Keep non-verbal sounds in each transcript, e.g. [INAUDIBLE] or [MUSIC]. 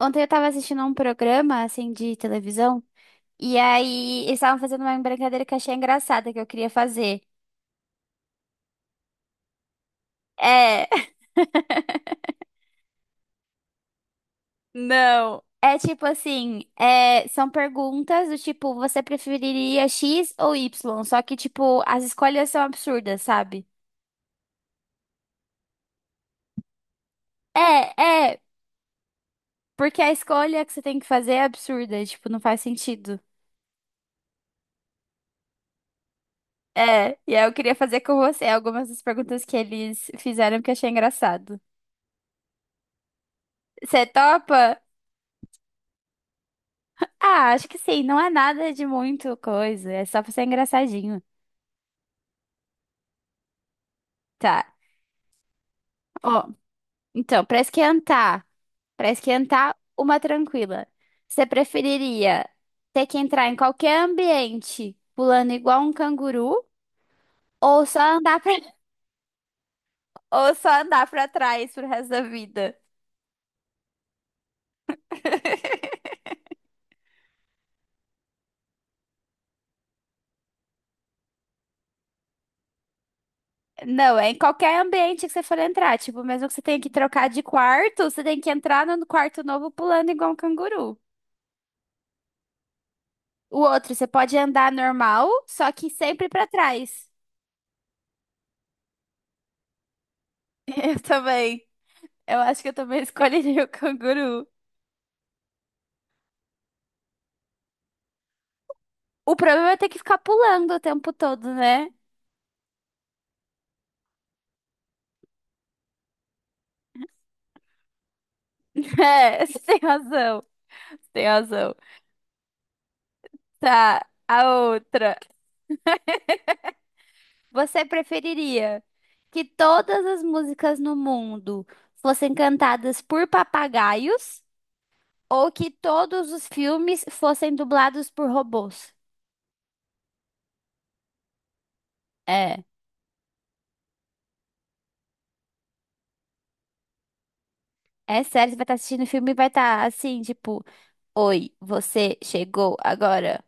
Ontem eu tava assistindo a um programa, assim, de televisão, e aí eles estavam fazendo uma brincadeira que eu achei engraçada, que eu queria fazer. É, [LAUGHS] não. É tipo assim, são perguntas do tipo, você preferiria X ou Y? Só que, tipo, as escolhas são absurdas, sabe? É, porque a escolha que você tem que fazer é absurda, tipo, não faz sentido. É, e aí eu queria fazer com você algumas das perguntas que eles fizeram que eu achei engraçado. Você topa? Ah, acho que sim, não é nada de muito coisa, é só pra ser engraçadinho. Tá. Ó, então, pra esquentar uma tranquila. Você preferiria ter que entrar em qualquer ambiente pulando igual um canguru ou só andar pra, [LAUGHS] ou só andar pra trás pro resto da vida? Não, é em qualquer ambiente que você for entrar, tipo, mesmo que você tenha que trocar de quarto, você tem que entrar no quarto novo pulando igual um canguru. O outro, você pode andar normal, só que sempre pra trás. [LAUGHS] Eu também. Eu acho que eu também [LAUGHS] escolheria o canguru. O problema é ter que ficar pulando o tempo todo, né? [LAUGHS] É, você tem razão. Você tem razão. Tá, a outra. Você preferiria que todas as músicas no mundo fossem cantadas por papagaios ou que todos os filmes fossem dublados por robôs? É. É sério, você vai estar assistindo o filme e vai estar assim, tipo, oi, você chegou agora?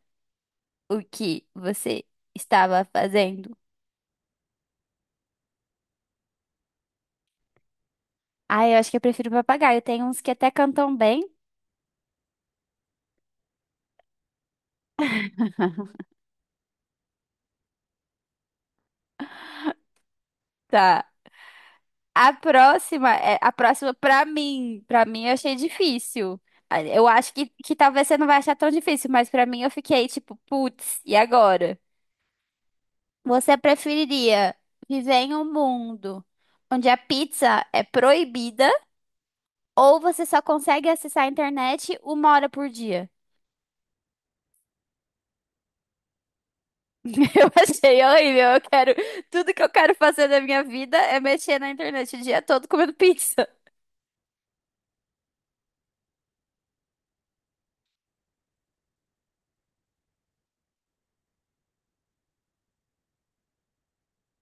O que você estava fazendo? Ah, eu acho que eu prefiro papagaio. Tem uns que até cantam bem. Tá. A próxima, a próxima pra mim eu achei difícil. Ah, eu acho que talvez você não vai achar tão difícil, mas pra mim eu fiquei tipo, putz, e agora? Você preferiria viver em um mundo onde a pizza é proibida ou você só consegue acessar a internet uma hora por dia? [LAUGHS] Eu achei horrível. Eu quero. Tudo que eu quero fazer da minha vida é mexer na internet o dia todo comendo pizza.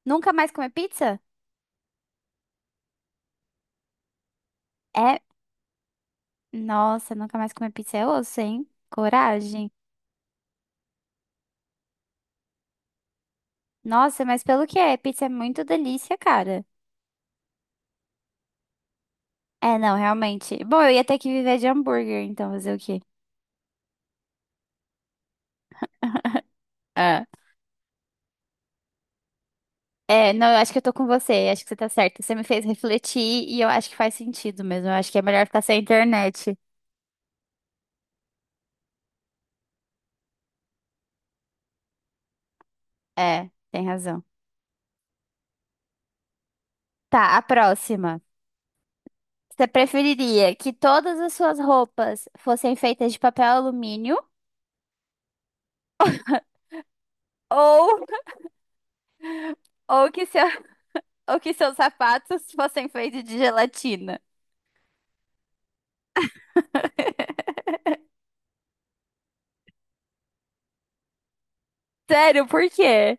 Nunca mais comer pizza? É. Nossa, nunca mais comer pizza é osso, hein? Coragem. Nossa, mas pelo que é? Pizza é muito delícia, cara. É, não, realmente. Bom, eu ia ter que viver de hambúrguer, então fazer o quê? É. É, não, eu acho que eu tô com você, acho que você tá certa. Você me fez refletir e eu acho que faz sentido mesmo. Eu acho que é melhor ficar sem internet. É, tem razão. Tá, a próxima. Você preferiria que todas as suas roupas fossem feitas de papel alumínio ou, ou que seu, [LAUGHS] ou que seus sapatos fossem feitos de gelatina? Sério, por quê?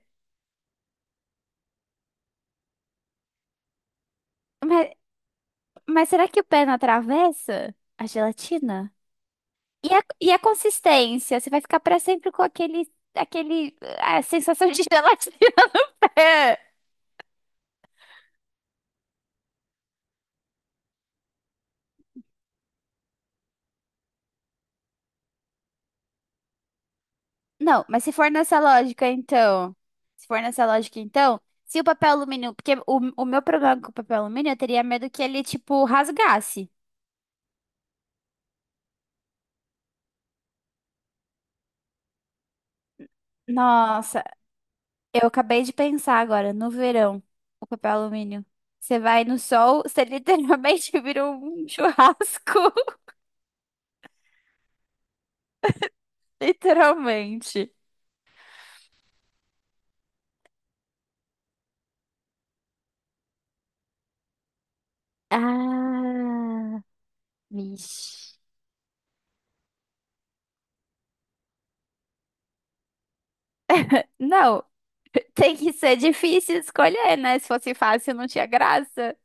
Mas, mas será que o pé não atravessa a gelatina? E a consistência? Você vai ficar para sempre com aquele, aquele, a sensação de gelatina [LAUGHS] no pé. Não, mas se for nessa lógica, então. Se for nessa lógica, então. Se o papel alumínio. Porque o meu problema com o papel alumínio, eu teria medo que ele, tipo, rasgasse. Nossa, eu acabei de pensar agora, no verão, o papel alumínio. Você vai no sol, você literalmente [LAUGHS] vira um churrasco. [LAUGHS] Literalmente. Ah, vixe. Não, [LAUGHS] tem que ser difícil escolher, né? Se fosse fácil, não tinha graça.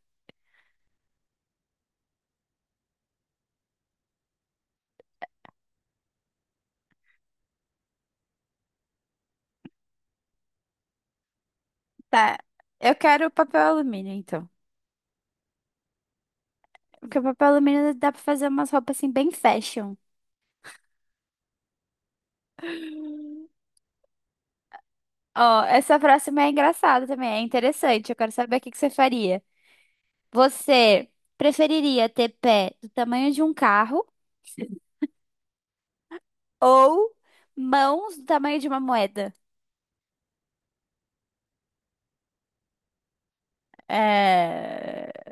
Tá. Eu quero papel alumínio, então. Porque o papel alumínio dá pra fazer umas roupas assim bem fashion. Ó, essa próxima é engraçada também, é interessante. Eu quero saber o que que você faria. Você preferiria ter pé do tamanho de um carro ou mãos do tamanho de uma moeda? É...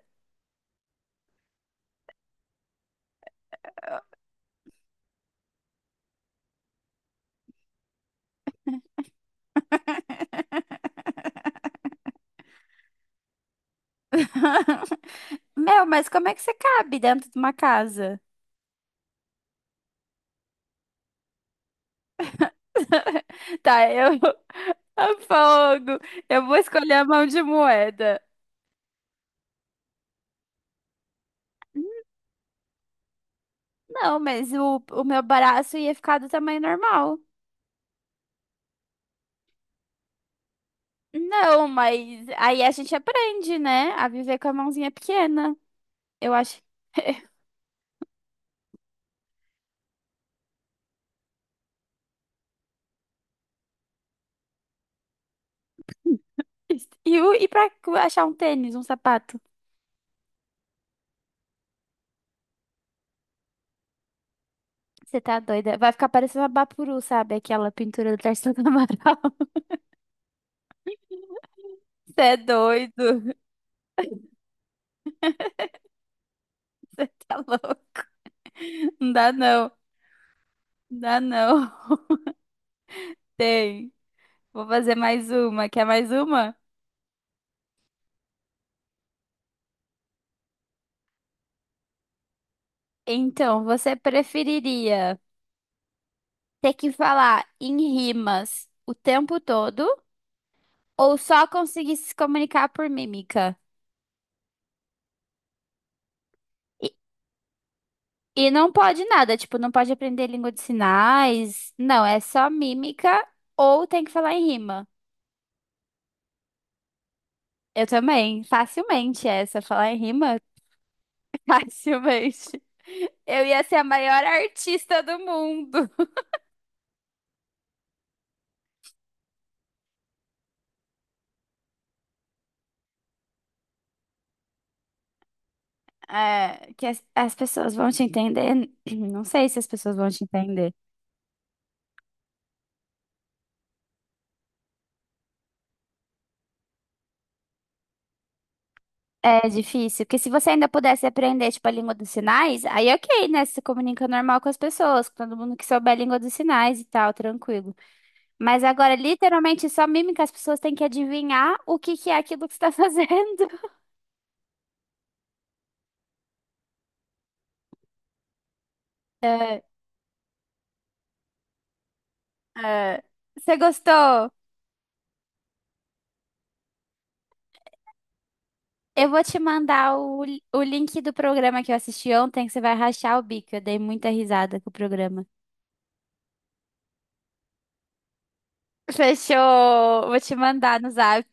[LAUGHS] Meu, mas como é que você cabe dentro de uma casa? Tá, eu. [LAUGHS] A fogo! Eu vou escolher a mão de moeda. Não, mas o meu braço ia ficar do tamanho normal. Não, mas aí a gente aprende, né? A viver com a mãozinha pequena. Eu acho. [LAUGHS] E, e pra achar um tênis, um sapato? Você tá doida? Vai ficar parecendo a Bapuru, sabe? Aquela pintura do Tarsila do Amaral. [LAUGHS] Você é doido. Você tá louco. Não dá não. Não dá não. Tem. Vou fazer mais uma. Quer mais uma? Então, você preferiria ter que falar em rimas o tempo todo? Ou só conseguir se comunicar por mímica. E, e não pode nada, tipo, não pode aprender língua de sinais. Não, é só mímica ou tem que falar em rima. Eu também, facilmente essa, falar em rima, [LAUGHS] facilmente. Eu ia ser a maior artista do mundo. É, que as pessoas vão te entender. [CLEARS THROAT] Não sei se as pessoas vão te entender. É difícil, porque se você ainda pudesse aprender, tipo, a língua dos sinais, aí ok, né? Você se comunica normal com as pessoas, com todo mundo que souber a língua dos sinais e tal, tranquilo. Mas agora, literalmente, só mímica, as pessoas têm que adivinhar o que que é aquilo que você tá [LAUGHS] fazendo. É, é. Você gostou? Eu vou te mandar o, o link do programa que eu assisti ontem, que você vai rachar o bico. Eu dei muita risada com o programa. Fechou! Vou te mandar no zap.